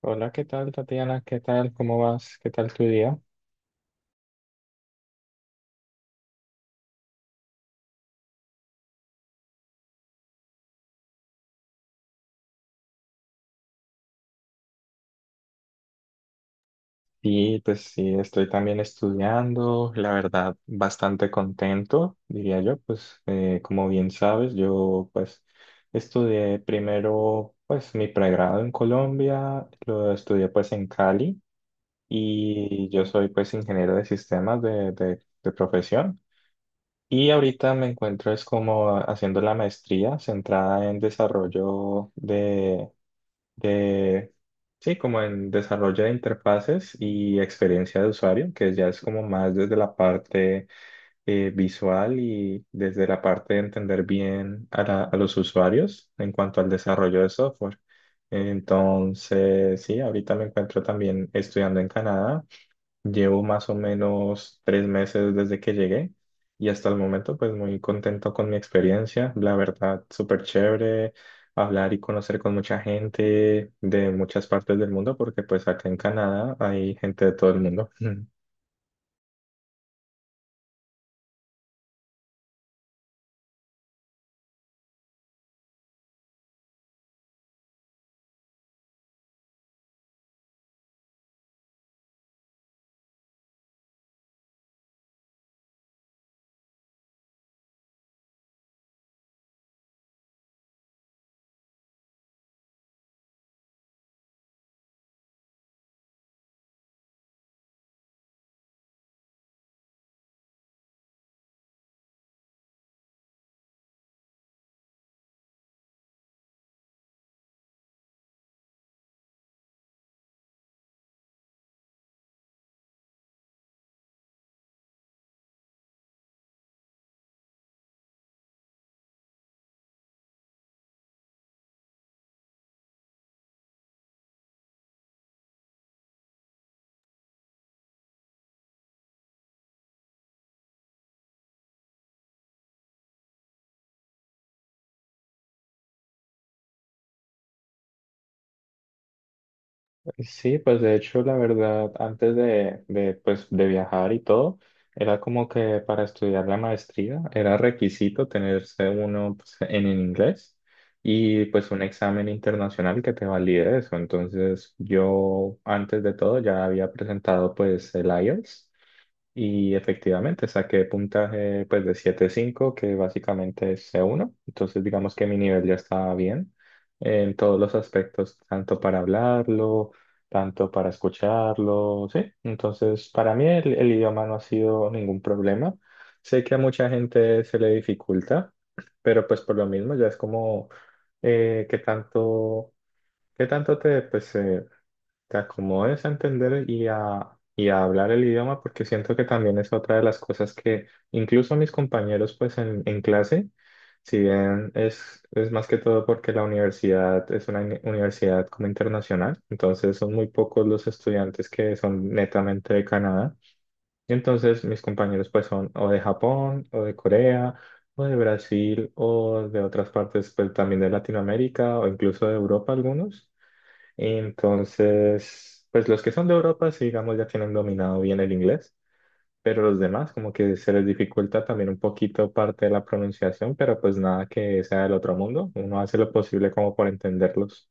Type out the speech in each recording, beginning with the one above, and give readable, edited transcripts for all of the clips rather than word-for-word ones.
Hola, ¿qué tal, Tatiana? ¿Qué tal? ¿Cómo vas? ¿Qué tal tu día? Y pues sí, estoy también estudiando, la verdad, bastante contento, diría yo, pues como bien sabes, yo pues estudié primero pues mi pregrado en Colombia, lo estudié pues en Cali y yo soy pues ingeniero de sistemas de profesión. Y ahorita me encuentro es como haciendo la maestría centrada en de, sí, como en desarrollo de interfaces y experiencia de usuario, que ya es como más desde la parte visual y desde la parte de entender bien a los usuarios en cuanto al desarrollo de software. Entonces, sí, ahorita me encuentro también estudiando en Canadá. Llevo más o menos tres meses desde que llegué y hasta el momento pues muy contento con mi experiencia. La verdad, súper chévere hablar y conocer con mucha gente de muchas partes del mundo porque pues acá en Canadá hay gente de todo el mundo. Sí, pues de hecho, la verdad, antes pues, de viajar y todo, era como que para estudiar la maestría era requisito tenerse uno pues, en inglés y pues un examen internacional que te valide eso. Entonces, yo antes de todo ya había presentado pues el IELTS y efectivamente saqué puntaje pues de 7.5, que básicamente es C1. Entonces digamos que mi nivel ya estaba bien en todos los aspectos, tanto para hablarlo, tanto para escucharlo, sí. Entonces para mí el idioma no ha sido ningún problema. Sé que a mucha gente se le dificulta, pero pues por lo mismo ya es como eh, qué tanto, qué tanto te te acomodes a entender y a hablar el idioma, porque siento que también es otra de las cosas que incluso mis compañeros pues en clase, si bien es más que todo porque la universidad es una universidad como internacional, entonces son muy pocos los estudiantes que son netamente de Canadá. Y entonces mis compañeros pues son o de Japón o de Corea o de Brasil o de otras partes, pues también de Latinoamérica, o incluso de Europa algunos. Entonces, pues los que son de Europa, sí, digamos, ya tienen dominado bien el inglés, pero los demás como que se les dificulta también un poquito parte de la pronunciación, pero pues nada que sea del otro mundo, uno hace lo posible como por entenderlos.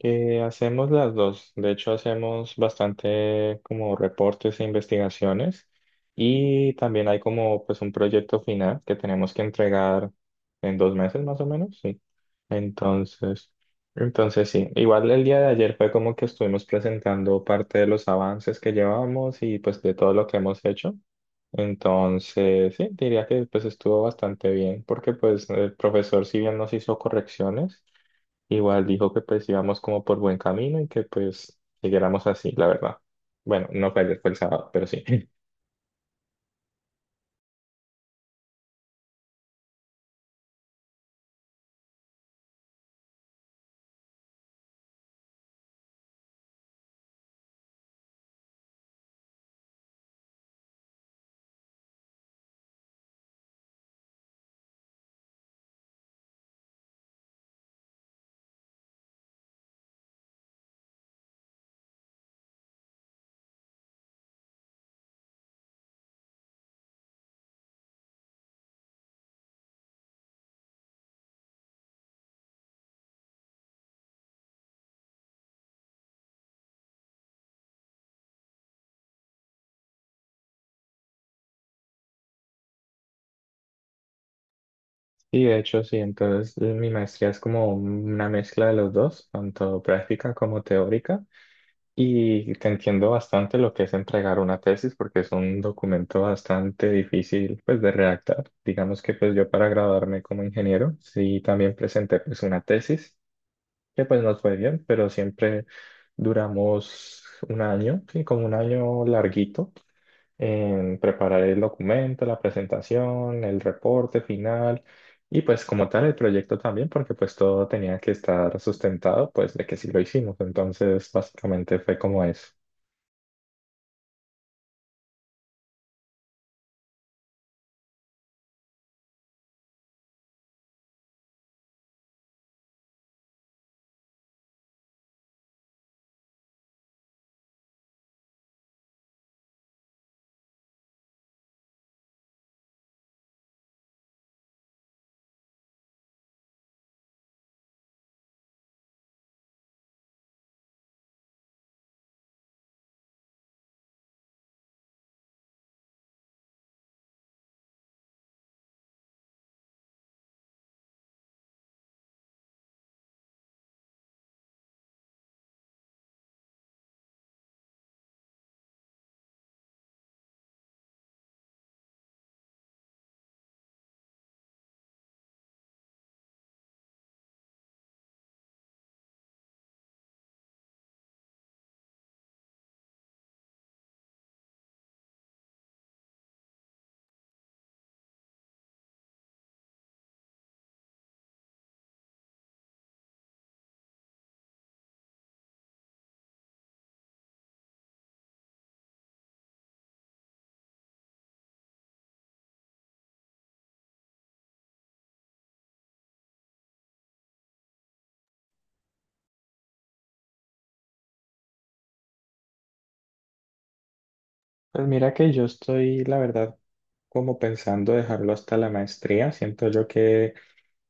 Hacemos las dos. De hecho, hacemos bastante como reportes e investigaciones y también hay como pues un proyecto final que tenemos que entregar en dos meses más o menos, sí. Entonces, entonces sí. Igual el día de ayer fue como que estuvimos presentando parte de los avances que llevamos y pues de todo lo que hemos hecho. Entonces, sí, diría que pues estuvo bastante bien, porque pues el profesor, si bien nos hizo correcciones, igual dijo que pues íbamos como por buen camino y que pues siguiéramos así, la verdad. Bueno, no fue ayer, fue el sábado, pero sí. Y de hecho, sí, entonces mi maestría es como una mezcla de los dos, tanto práctica como teórica. Y te entiendo bastante lo que es entregar una tesis porque es un documento bastante difícil pues de redactar. Digamos que pues yo para graduarme como ingeniero sí también presenté pues una tesis que pues nos fue bien, pero siempre duramos un año, sí, como un año larguito en preparar el documento, la presentación, el reporte final y pues como tal el proyecto también porque pues todo tenía que estar sustentado pues de que sí lo hicimos. Entonces básicamente fue como eso. Pues mira que yo estoy, la verdad, como pensando dejarlo hasta la maestría. Siento yo que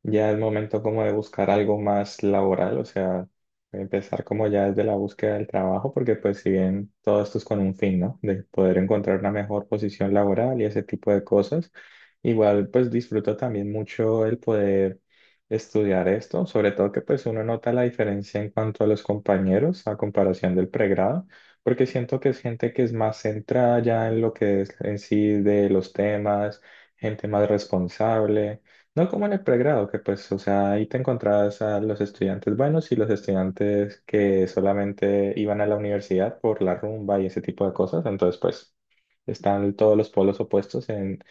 ya es momento como de buscar algo más laboral, o sea, empezar como ya desde la búsqueda del trabajo, porque pues si bien todo esto es con un fin, ¿no? De poder encontrar una mejor posición laboral y ese tipo de cosas, igual pues disfruto también mucho el poder estudiar esto, sobre todo que pues uno nota la diferencia en cuanto a los compañeros a comparación del pregrado, porque siento que es gente que es más centrada ya en lo que es en sí de los temas, gente más responsable, no como en el pregrado, que pues, o sea, ahí te encontrabas a los estudiantes buenos y los estudiantes que solamente iban a la universidad por la rumba y ese tipo de cosas. Entonces, pues, están todos los polos opuestos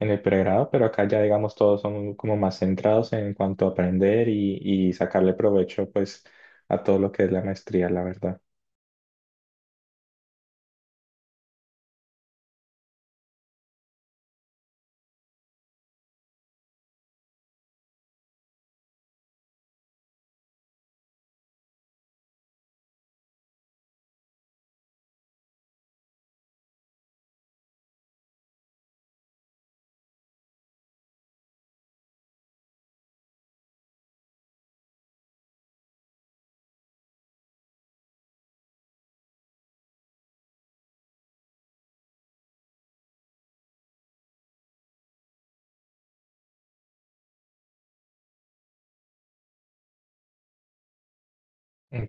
en el pregrado, pero acá ya, digamos, todos son como más centrados en cuanto a aprender y sacarle provecho, pues, a todo lo que es la maestría, la verdad.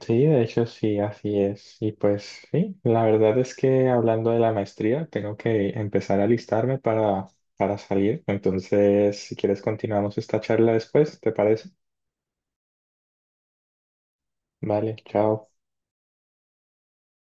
Sí, de hecho sí, así es. Y pues sí, la verdad es que hablando de la maestría, tengo que empezar a alistarme para salir. Entonces, si quieres, continuamos esta charla después, ¿te parece? Vale, chao.